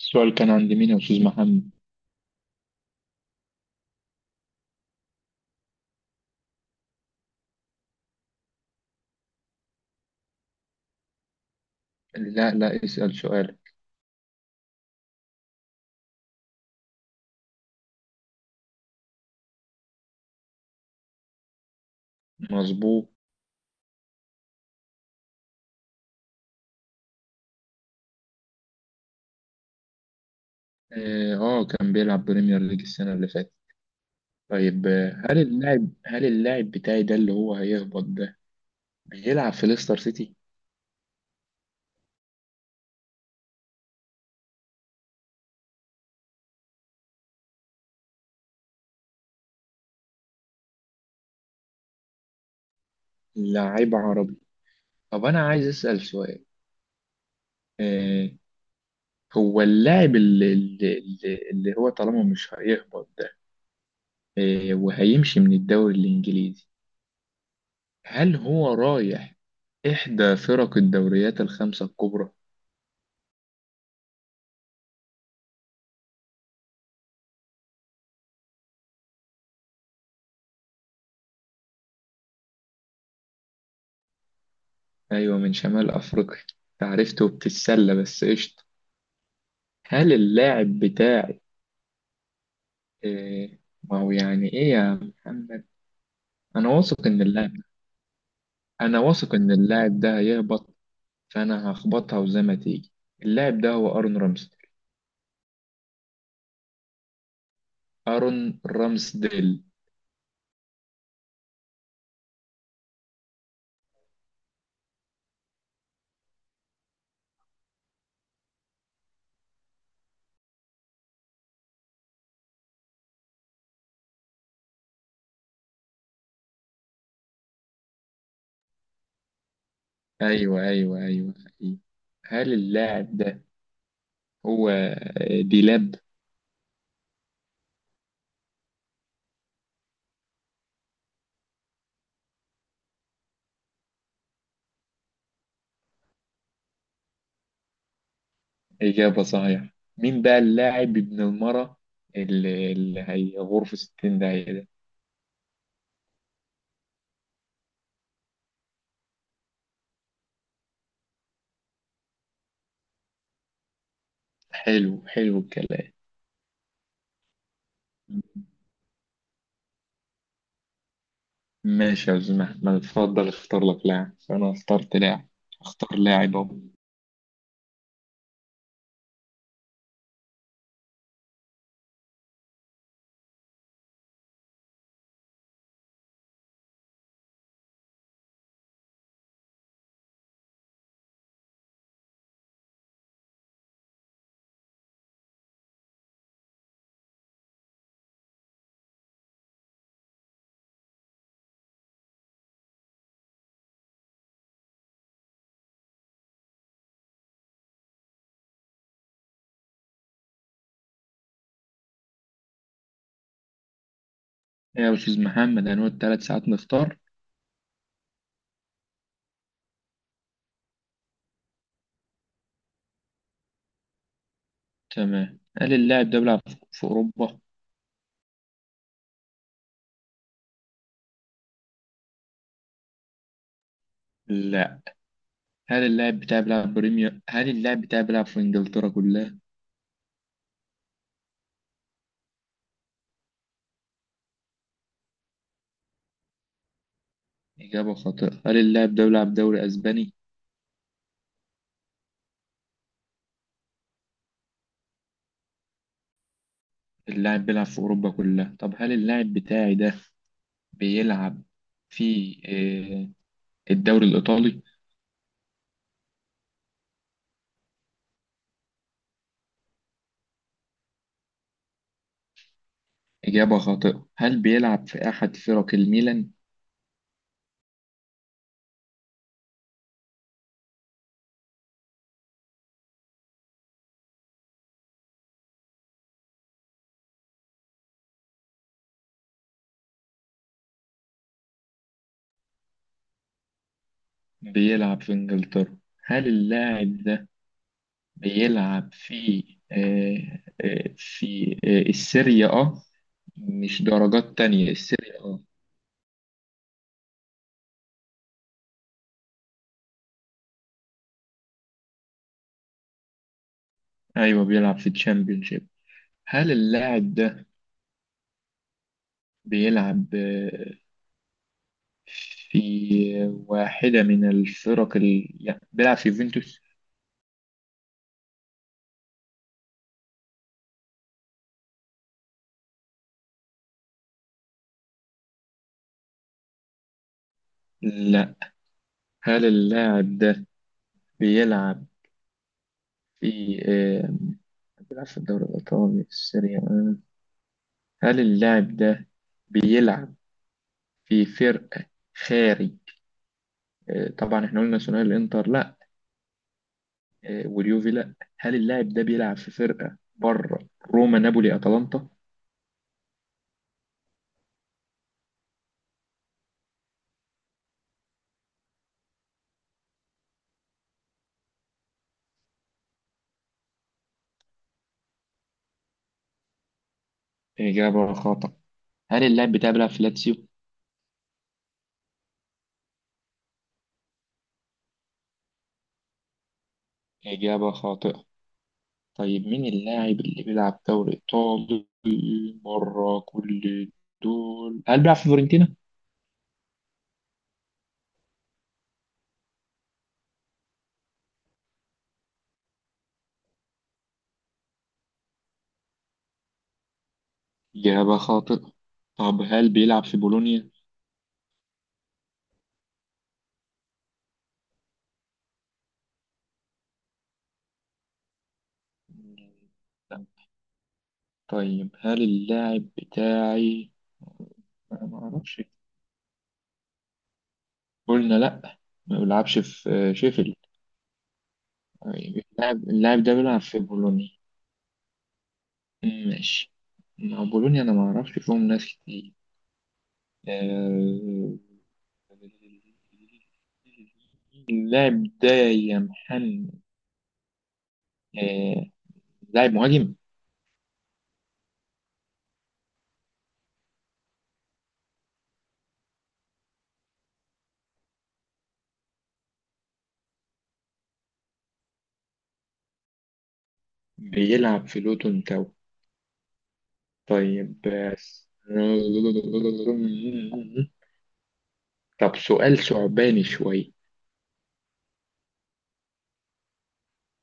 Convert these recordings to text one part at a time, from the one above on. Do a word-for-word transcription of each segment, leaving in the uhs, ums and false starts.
السؤال كان عند مين يا أستاذ محمد؟ لا، لا، اسأل سؤال. مظبوط. آه، آه، كان بيلعب بريمير ليج السنة اللي فاتت. طيب. آه، هل اللاعب هل اللاعب بتاعي ده اللي هو هيهبط ده بيلعب في ليستر سيتي؟ لاعب عربي. طب أنا عايز أسأل سؤال. آه هو اللاعب اللي, اللي, اللي اللي هو طالما مش هيهبط ده، آه وهيمشي من الدوري الإنجليزي. هل هو رايح إحدى فرق الدوريات الخمسة الكبرى؟ أيوة، من شمال أفريقيا. عرفته وبتتسلى بس قشطة. هل اللاعب بتاعي إيه ما هو يعني إيه يا محمد؟ أنا واثق إن اللاعب أنا واثق إن اللاعب ده هيهبط، فأنا هخبطها وزي ما تيجي. اللاعب ده هو أرون رامسديل. أرون رامسديل. أيوة، أيوة، أيوة، أيوة. هل اللاعب ده هو آه، ديلاب؟ إجابة صحيحة. مين بقى اللاعب ابن المرة اللي, اللي هي غرفة ستين ده ده؟ حلو حلو الكلام. ماشي يا أستاذ محمد، اتفضل اختار لك لاعب فأنا اخترت لاعب. اختار لاعب أهو. إيه يا أستاذ محمد، هنقعد تلات ساعات نختار؟ تمام. هل اللاعب ده بيلعب في أوروبا؟ لا. هل اللاعب بتاعي بيلعب بريمير؟ هل اللاعب بتاعي بيلعب في إنجلترا كلها؟ إجابة خاطئة. هل اللاعب ده بيلعب دوري أسباني؟ اللاعب بيلعب في أوروبا كلها. طب هل اللاعب بتاعي ده بيلعب في آه، الدوري الإيطالي؟ إجابة خاطئة. هل بيلعب في أحد فرق الميلان؟ بيلعب في إنجلترا. هل اللاعب ده بيلعب في آه، آه، في آه، السيريا أه؟ مش درجات تانية، السيريا أه. أيوه، بيلعب في الشامبيونشيب. هل اللاعب ده بيلعب آه، في واحدة من الفرق ال... يعني بيلعب في يوفنتوس؟ لا. هل اللاعب ده بيلعب في آه، بيلعب في الدوري الإيطالي السيريا أه. هل اللاعب ده بيلعب في فرق خارج، آه، طبعا احنا قلنا ثنائي الانتر لا، آه، واليوفي لا. هل اللاعب ده بيلعب في فرقة بره روما نابولي اتلانتا؟ إجابة خاطئة. هل اللاعب بتاعي بيلعب في لاتسيو؟ إجابة خاطئة. طيب مين اللاعب اللي بيلعب دوري إيطالي بره كل دول؟ هل بيلعب في فيورنتينا؟ إجابة خاطئة. طب هل بيلعب في بولونيا؟ لا. طيب هل اللاعب بتاعي... أنا ما أعرفش. قلنا لا. ما بيلعبش في شيفيلد. اللاعب اللاعب ده بيلعب في بولونيا. مم، ماشي. مع بولونيا انا ما اعرفش فيهم ناس كتير. آه، اللاعب ده يا محمد، آه، لاعب مهاجم. بيلعب في لوتون تاو. طيب بس. طب سؤال ثعباني شوية.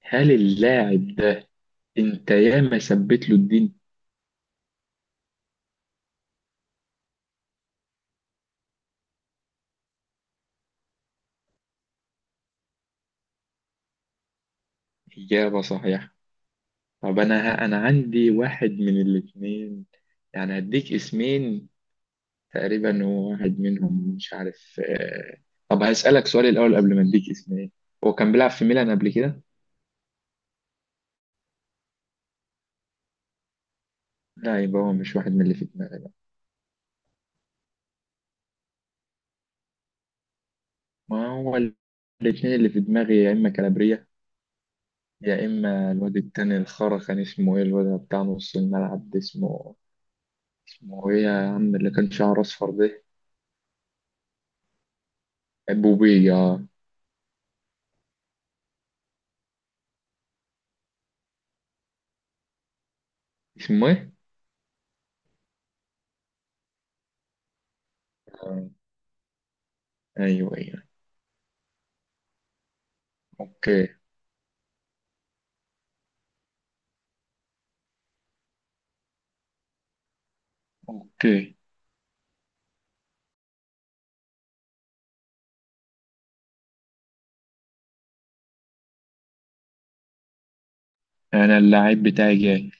هل اللاعب ده انت ياما ثبت له الدين؟ إجابة صحيحة. طب انا ه- انا عندي واحد من الاثنين. يعني هديك اسمين تقريبا، هو واحد منهم مش عارف. آه، طب هسألك سؤال الاول قبل ما اديك اسمين. هو كان بيلعب في ميلان قبل كده؟ لا، يبقى هو مش واحد من اللي في دماغي بقى. ما هو الاثنين اللي في دماغي يا اما كالابريا، يا اما الواد التاني الخرا كان اسمه ايه؟ الواد بتاع نص الملعب ده اسمه اسمه ايه يا عم اللي كان شعره اصفر ده؟ بوبيه. اسمه ايه؟ آه، ايوه، ايوه. اوكي. اوكي. انا اللعيب بتاعي جاي.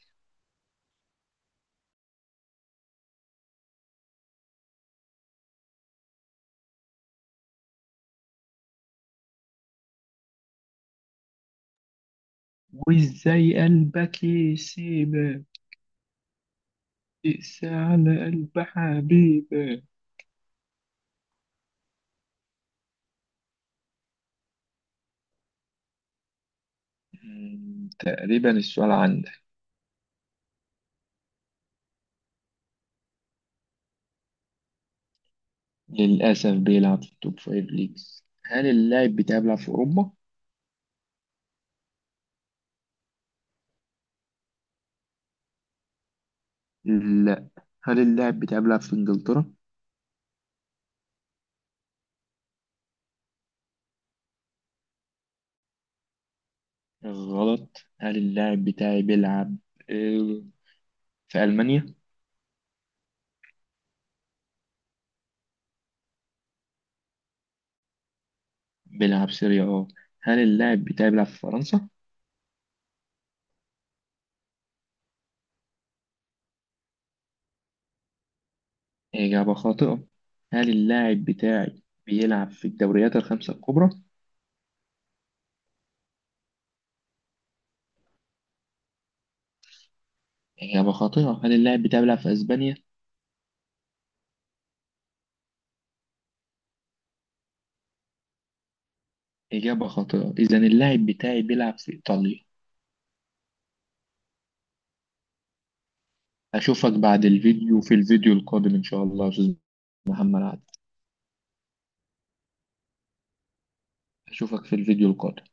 وازاي قلبك يسيبك، اقسى على قلب حبيبك. مم، تقريبا السؤال عندك. للأسف بيلعب في التوب فايف ليجز. هل اللاعب بتاعي بيلعب في أوروبا؟ لا. هل اللاعب بتاعي بيلعب في إنجلترا؟ غلط. هل اللاعب بتاعي بيلعب آه، في ألمانيا؟ بيلعب سيريا اه. هل اللاعب بتاعي بيلعب في فرنسا؟ إجابة خاطئة. هل اللاعب بتاعي بيلعب في الدوريات الخمسة الكبرى؟ إجابة خاطئة. هل اللاعب بتاعي بيلعب في أسبانيا؟ إجابة خاطئة. إذا اللاعب بتاعي بيلعب في إيطاليا. أشوفك بعد الفيديو في الفيديو القادم إن شاء الله يا أستاذ محمد عادل. أشوفك في الفيديو القادم